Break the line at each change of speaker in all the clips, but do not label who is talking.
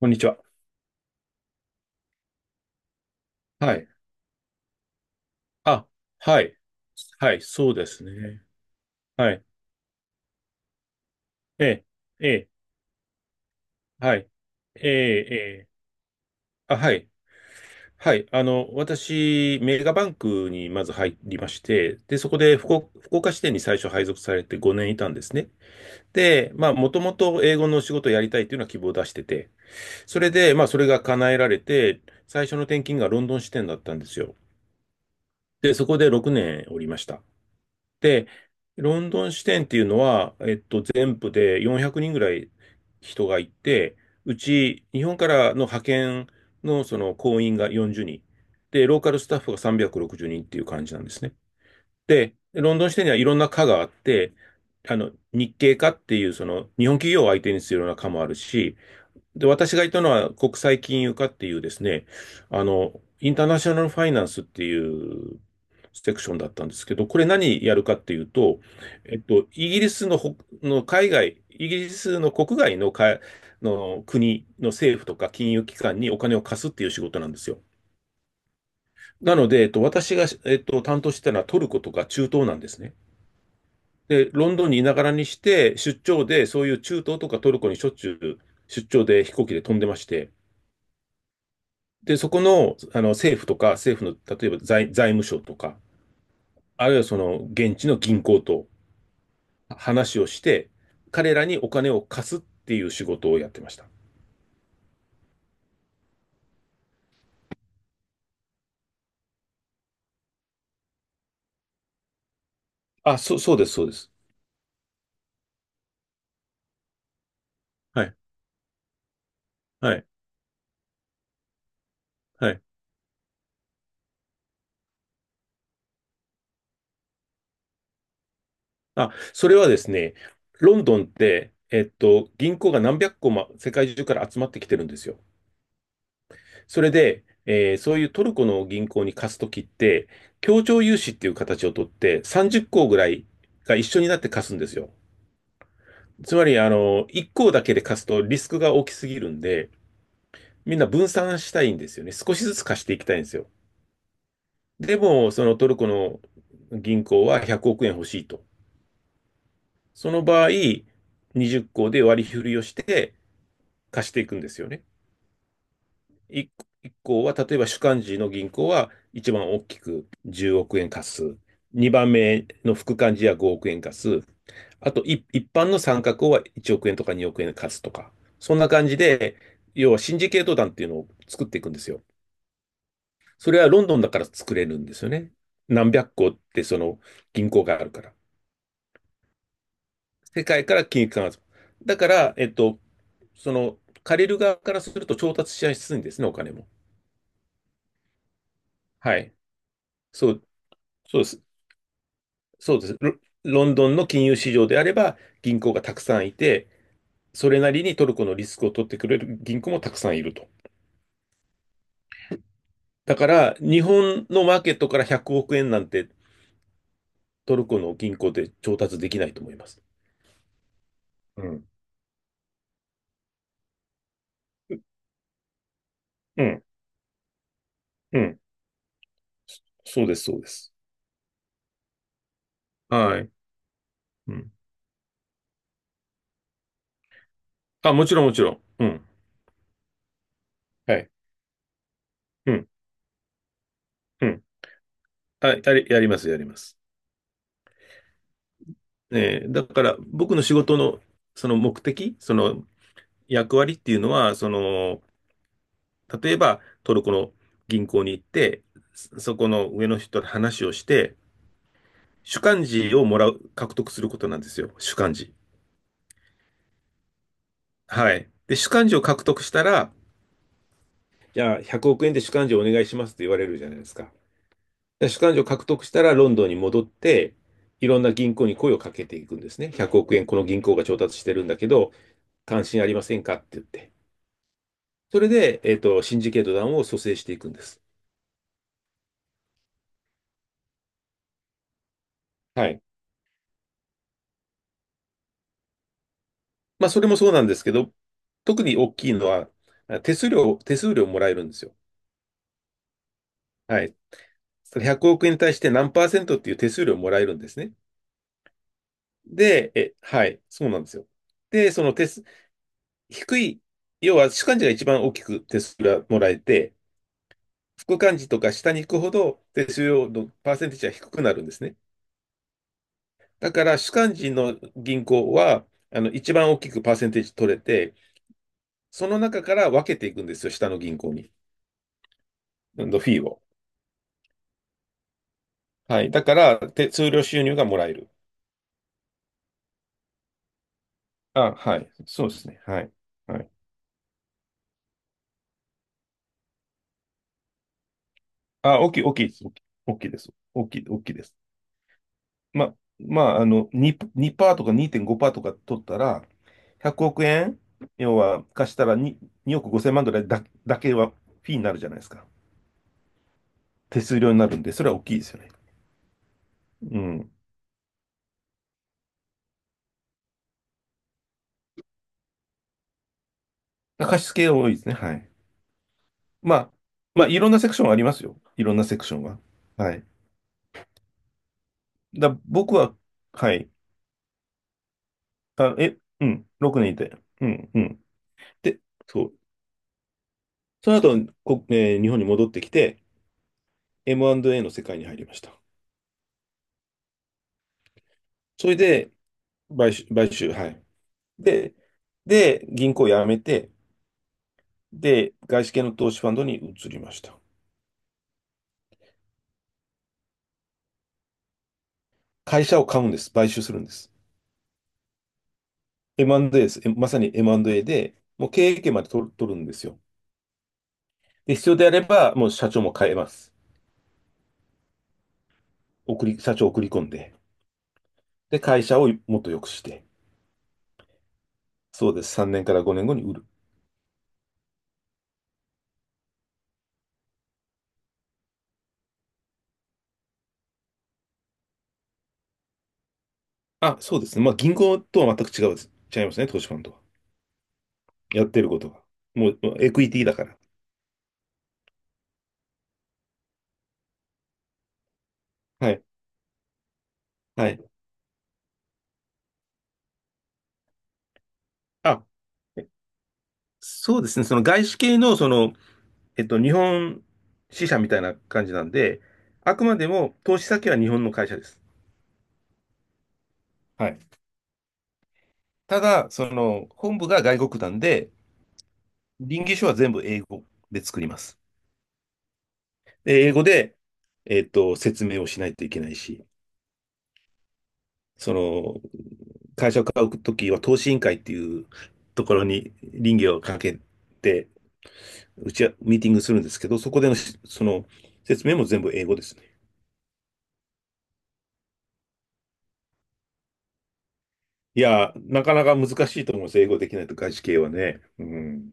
こんにちは。はい。あ、はい。はい、そうですね。はい。ええ、ええ、はい。ええ、ええ、あ、はい。はい。あの、私、メガバンクにまず入りまして、で、そこで福岡支店に最初配属されて5年いたんですね。で、まあ、もともと英語の仕事をやりたいというのは希望を出してて、それで、まあ、それが叶えられて、最初の転勤がロンドン支店だったんですよ。で、そこで6年おりました。で、ロンドン支店っていうのは、全部で400人ぐらい人がいて、うち、日本からの派遣のその行員が40人。で、ローカルスタッフが360人っていう感じなんですね。で、ロンドン支店にはいろんな課があって、あの、日系課っていう、その、日本企業を相手にするような課もあるし、で、私がいたのは国際金融課っていうですね、あの、インターナショナルファイナンスっていうセクションだったんですけど、これ何やるかっていうと、イギリスのほ、の海外、イギリスの国外のか、の国の政府とか金融機関にお金を貸すっていう仕事なんですよ。なので、私が、担当してたのはトルコとか中東なんですね。で、ロンドンにいながらにして、出張で、そういう中東とかトルコにしょっちゅう出張で飛行機で飛んでまして、で、そこの、あの政府とか、政府の例えば財務省とか、あるいはその現地の銀行と話をして、彼らにお金を貸すっていう仕事をやってました。あ、そうです、そうです。はい、はい、はい。あ、それはですね、ロンドンって、銀行が何百個も世界中から集まってきてるんですよ。それで、そういうトルコの銀行に貸すときって、協調融資っていう形をとって、30個ぐらいが一緒になって貸すんですよ。つまり、あの、一行だけで貸すとリスクが大きすぎるんで、みんな分散したいんですよね。少しずつ貸していきたいんですよ。でも、そのトルコの銀行は100億円欲しいと。その場合、20校で割り振りをして貸していくんですよね。1行は、例えば主幹事の銀行は一番大きく10億円貸す。2番目の副幹事は5億円貸す。あと、一般の参画校は1億円とか2億円貸すとか、そんな感じで、要はシンジケート団っていうのを作っていくんですよ。それはロンドンだから作れるんですよね。何百個ってその銀行があるから。世界から金融機関が。だから、その借りる側からすると調達しやすいんですね、お金も。はい。そう、そうです。そうです。ロンドンの金融市場であれば銀行がたくさんいて、それなりにトルコのリスクを取ってくれる銀行もたくさんいると。だから、日本のマーケットから100億円なんてトルコの銀行で調達できないと思います。うん。うん。うん。そうです、そうです。はい。うん。あ、もちろん、もちろん。うん。はい。うん。うん。はい。やります、やります。ねえー、だから、僕の仕事の、その目的、その役割っていうのは、その、例えば、トルコの銀行に行って、そこの上の人と話をして、主幹事をもらう、獲得することなんですよ。主幹事。はい。で、主幹事を獲得したら、じゃあ100億円で主幹事をお願いしますって言われるじゃないですか。で主幹事を獲得したらロンドンに戻って、いろんな銀行に声をかけていくんですね。100億円この銀行が調達してるんだけど、関心ありませんかって言って。それで、シンジケート団を蘇生していくんです。はい。まあ、それもそうなんですけど、特に大きいのは、手数料もらえるんですよ。はい。100億円に対して何パーセントっていう手数料もらえるんですね。で、はい、そうなんですよ。で、その手、低い、要は主幹事が一番大きく手数料がもらえて、副幹事とか下に行くほど手数料のパーセンテージは低くなるんですね。だから主幹事の銀行は、あの、一番大きくパーセンテージ取れて、その中から分けていくんですよ、下の銀行に。のフィーを。はい。だから、手数料収入がもらえる。あ、はい。そうですね。はい。はい。あ、大きい、大きいです。大きい大きいです。大きい、大きいです。まあ、あの、2、にパーとか2.5%とか取ったら、100億円、要は貸したら2億5千万ぐらいだけはフィーになるじゃないですか。手数料になるんで、それは大きいですよね。うん。貸し付け多いですね。はい。まあ、まあ、いろんなセクションありますよ。いろんなセクションは。はい。僕は、はい。あ、うん、6年いて。うん、うん。で、そう。その後、こ、えー日本に戻ってきて、M&A の世界に入りました。それで、買収、買収、はい。で、銀行を辞めて、で、外資系の投資ファンドに移りました。会社を買うんです。買収するんです。M&A です。まさに M&A で、もう経営権まで取るんですよ。で、必要であれば、もう社長も変えます。社長を送り込んで。で、会社をもっと良くして。そうです。3年から5年後に売る。あ、そうですね。まあ、銀行とは全く違うです。違いますね、投資ファンドは。やってることが。もうエクイティだから。はい。はい。あそうですね。その外資系のその日本支社みたいな感じなんで、あくまでも投資先は日本の会社です。はい。ただ、その本部が外国なんで、臨議書は全部英語で作ります。で英語で、説明をしないといけないし、その会社を買うときは投資委員会っていうところに臨議をかけて、うちはミーティングするんですけど、そこでのしその説明も全部英語ですね。いや、なかなか難しいと思います。英語できないと外資系はね。うん。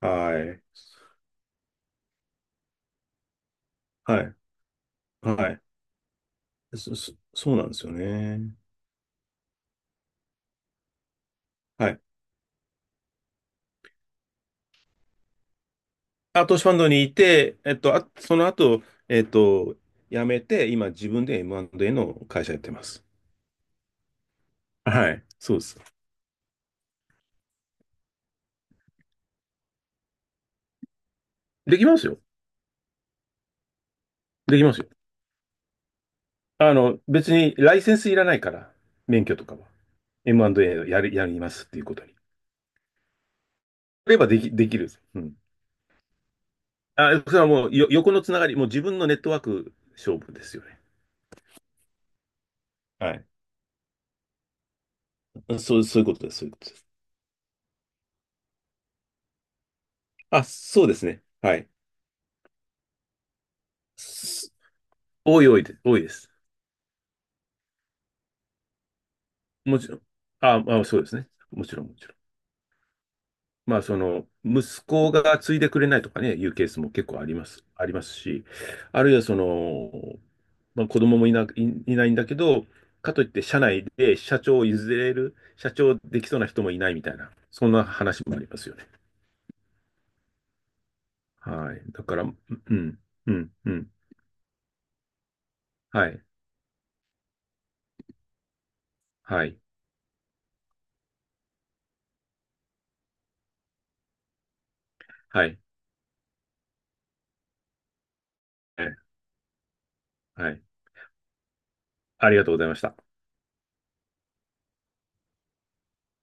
はい。はい。はい。そうなんですよね。はい。あ、投資ファンドにいて、あ、その後、えっと、辞めて、今自分で M&A の会社やってます。はい。そうです。できますよ。できますよ。あの、別にライセンスいらないから、免許とかは。M&A をやる、やりますっていうことに。やればできる。うん。あ、それはもう横のつながり、もう自分のネットワーク勝負ですよね。はい。そういうことです。そういうことです。あ、そうですね。はい。多い多いです。多いです。もちろん。あ、まあ、そうですね。もちろん、もちろん。まあ、その、息子が継いでくれないとかね、いうケースも結構ありますし、あるいはその、まあ、子供もいないんだけど、かといって社内で社長を譲れる、社長できそうな人もいないみたいな、そんな話もありますよね。はい。だから、うん、うん、うん。はい、はい、はい、はい。ありがとうございました。